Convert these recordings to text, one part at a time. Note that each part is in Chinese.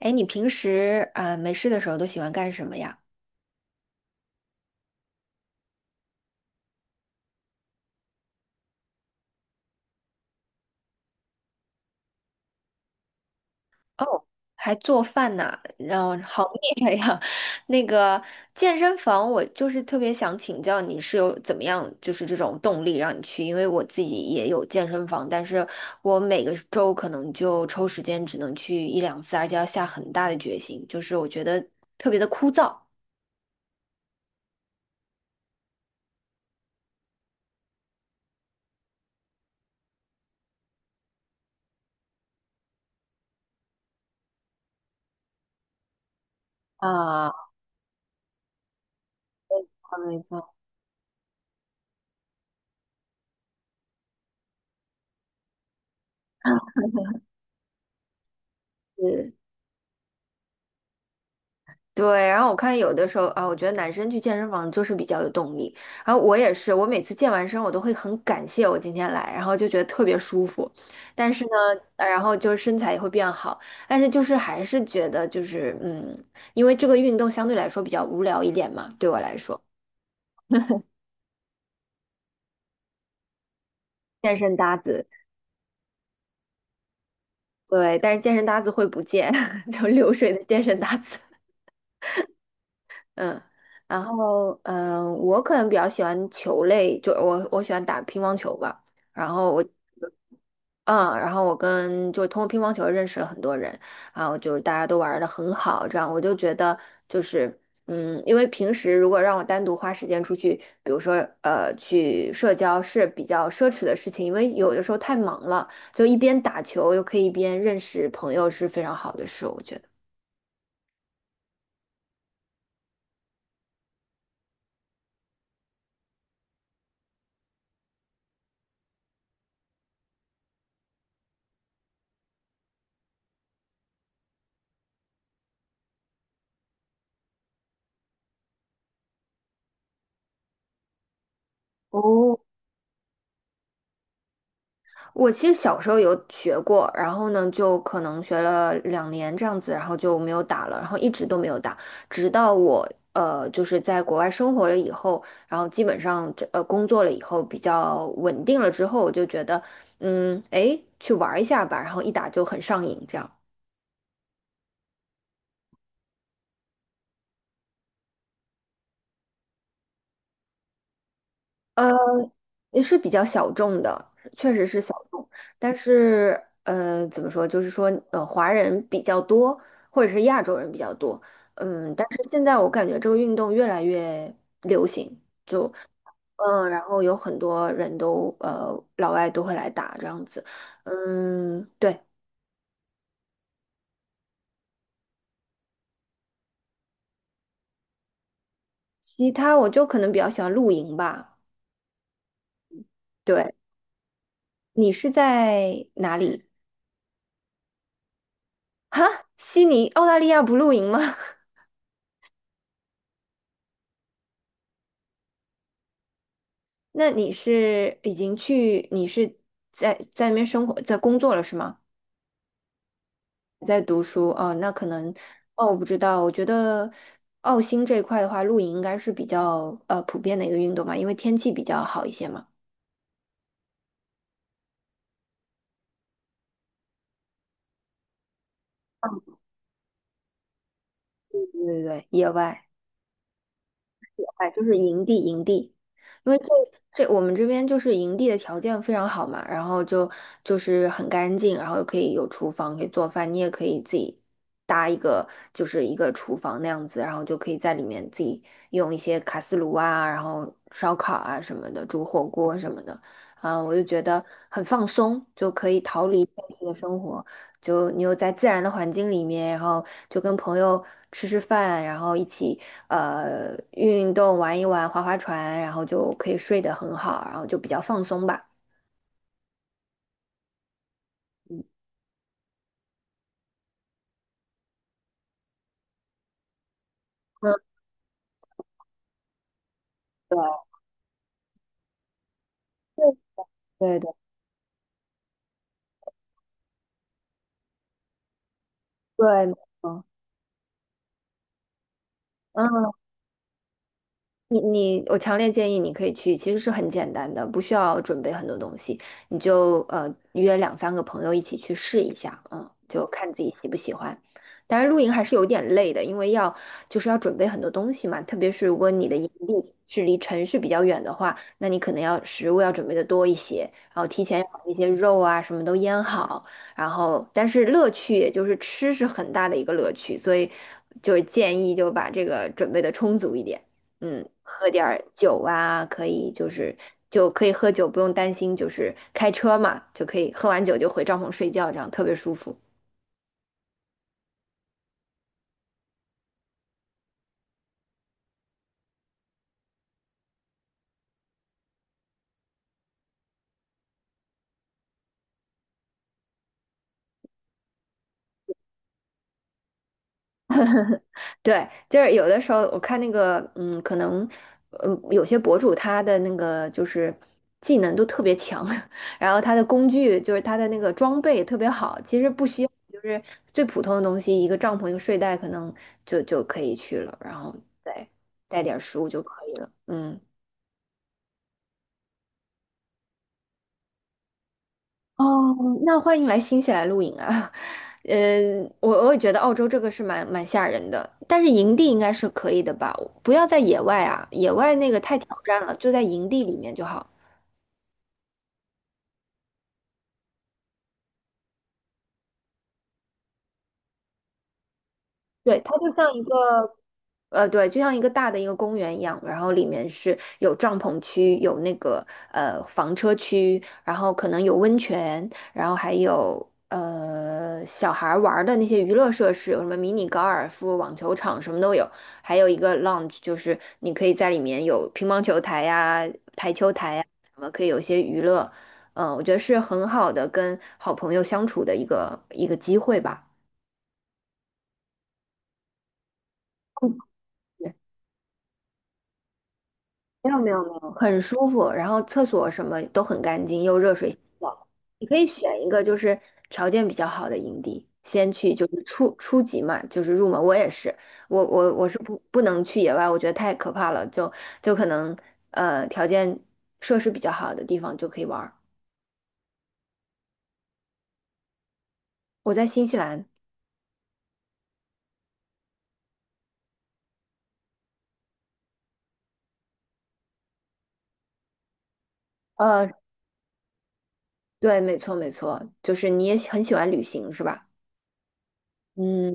哎，你平时啊、没事的时候都喜欢干什么呀？哦，还做饭呢，然后 好厉害呀！那个健身房，我就是特别想请教你是有怎么样，就是这种动力让你去，因为我自己也有健身房，但是我每个周可能就抽时间只能去一两次，而且要下很大的决心，就是我觉得特别的枯燥。啊，没错。是对，然后我看有的时候啊，我觉得男生去健身房就是比较有动力。然后我也是，我每次健完身，我都会很感谢我今天来，然后就觉得特别舒服。但是呢，然后就是身材也会变好，但是就是还是觉得就是因为这个运动相对来说比较无聊一点嘛，对我来说，健身搭子，对，但是健身搭子会不见，就流水的健身搭子。嗯，然后我可能比较喜欢球类，就我喜欢打乒乓球吧。然后我嗯，然后我跟就通过乒乓球认识了很多人，然后就是大家都玩的很好，这样我就觉得就是因为平时如果让我单独花时间出去，比如说去社交是比较奢侈的事情，因为有的时候太忙了，就一边打球又可以一边认识朋友是非常好的事，我觉得。哦，我其实小时候有学过，然后呢，就可能学了2年这样子，然后就没有打了，然后一直都没有打，直到我就是在国外生活了以后，然后基本上工作了以后比较稳定了之后，我就觉得去玩儿一下吧，然后一打就很上瘾这样。呃也是比较小众的，确实是小众。但是，怎么说，就是说，华人比较多，或者是亚洲人比较多。嗯，但是现在我感觉这个运动越来越流行，就然后有很多人老外都会来打这样子。嗯，对。其他我就可能比较喜欢露营吧。对，你是在哪里？哈，悉尼，澳大利亚不露营吗？那你是已经去，你是在那边生活，在工作了是吗？在读书哦，那可能哦，我不知道。我觉得澳新这一块的话，露营应该是比较普遍的一个运动嘛，因为天气比较好一些嘛。对对对，野外。哎，就是营地，营地，因为这我们这边就是营地的条件非常好嘛，然后就是很干净，然后又可以有厨房可以做饭，你也可以自己搭一个就是一个厨房那样子，然后就可以在里面自己用一些卡斯炉啊，然后烧烤啊什么的，煮火锅什么的，我就觉得很放松，就可以逃离现实的生活。就你又在自然的环境里面，然后就跟朋友吃吃饭，然后一起运动、玩一玩、划划船，然后就可以睡得很好，然后就比较放松吧。嗯，嗯，对对对对，对没错嗯。你，我强烈建议你可以去，其实是很简单的，不需要准备很多东西，你就约两三个朋友一起去试一下，嗯，就看自己喜不喜欢。当然，露营还是有点累的，因为要就是要准备很多东西嘛，特别是如果你的营地是离城市比较远的话，那你可能要食物要准备的多一些，然后提前要把那些肉啊什么都腌好，然后但是乐趣也就是吃是很大的一个乐趣，所以就是建议就把这个准备的充足一点。嗯，喝点儿酒啊，可以就是可以喝酒，不用担心就是开车嘛，就可以喝完酒就回帐篷睡觉，这样特别舒服。对，就是有的时候我看那个，可能，有些博主他的那个就是技能都特别强，然后他的工具就是他的那个装备特别好，其实不需要就是最普通的东西，一个帐篷一个睡袋可能就可以去了，然后再带点儿食物就可以了，嗯。哦，那欢迎来新西兰露营啊！我也觉得澳洲这个是蛮吓人的，但是营地应该是可以的吧？不要在野外啊，野外那个太挑战了，就在营地里面就好。对，它就像一个，对，就像一个大的一个公园一样，然后里面是有帐篷区，有那个房车区，然后可能有温泉，然后还有小孩儿玩儿的那些娱乐设施，有什么迷你高尔夫、网球场什么都有，还有一个 lounge，就是你可以在里面有乒乓球台呀、台球台呀，什么可以有一些娱乐，我觉得是很好的跟好朋友相处的一个机会吧。对。没有没有没有，很舒服，然后厕所什么都很干净，又热水洗澡。你可以选一个就是条件比较好的营地，先去就是初级嘛，就是入门。我也是，我是不能去野外，我觉得太可怕了，就可能条件设施比较好的地方就可以玩儿。我在新西兰，呃，对，没错没错，就是你也很喜欢旅行是吧？嗯。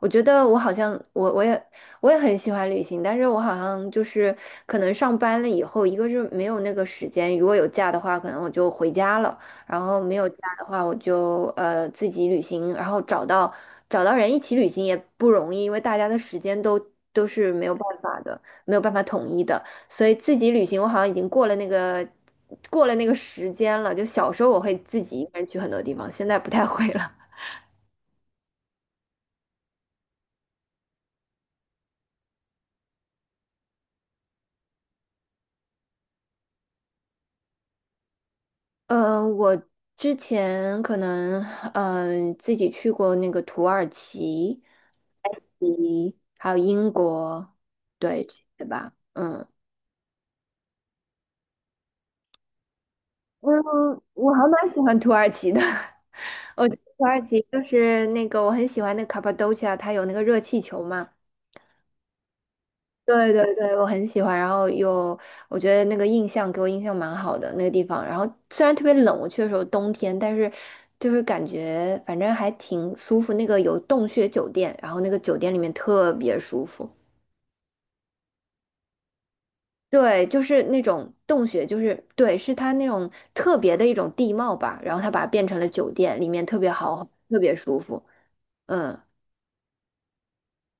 我觉得我好像我也很喜欢旅行，但是我好像就是可能上班了以后，一个是没有那个时间，如果有假的话，可能我就回家了，然后没有假的话，我就自己旅行，然后找到人一起旅行也不容易，因为大家的时间都是没有办法的，没有办法统一的，所以自己旅行我好像已经过了那个时间了，就小时候我会自己一个人去很多地方，现在不太会了。我之前可能自己去过那个土耳其，嗯，还有英国，对，对吧？嗯嗯，我还蛮喜欢土耳其的。我觉得土耳其就是那个我很喜欢那个卡帕多奇亚，它有那个热气球嘛。对对对，我很喜欢，然后又我觉得那个印象给我印象蛮好的那个地方，然后虽然特别冷，我去的时候冬天，但是就是感觉反正还挺舒服。那个有洞穴酒店，然后那个酒店里面特别舒服，对，就是那种洞穴，就是对，是它那种特别的一种地貌吧，然后它把它变成了酒店，里面特别好，特别舒服。嗯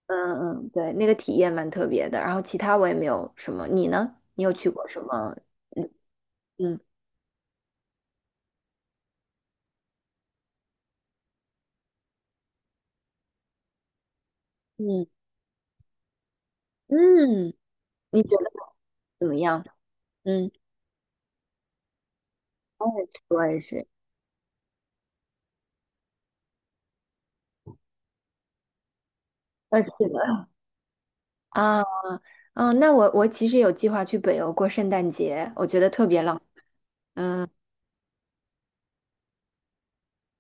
嗯嗯，对，那个体验蛮特别的。然后其他我也没有什么，你呢？你有去过什么？嗯嗯嗯，你觉得怎么样？嗯，我也是，我也是，24个啊，嗯，那我其实有计划去北欧过圣诞节，我觉得特别浪漫。嗯，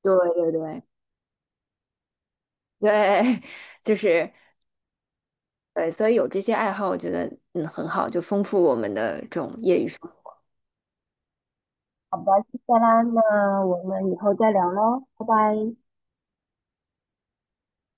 对对对对，就是对，所以有这些爱好，我觉得很好，就丰富我们的这种业余生活。再啦，那我们以后再聊喽，拜拜。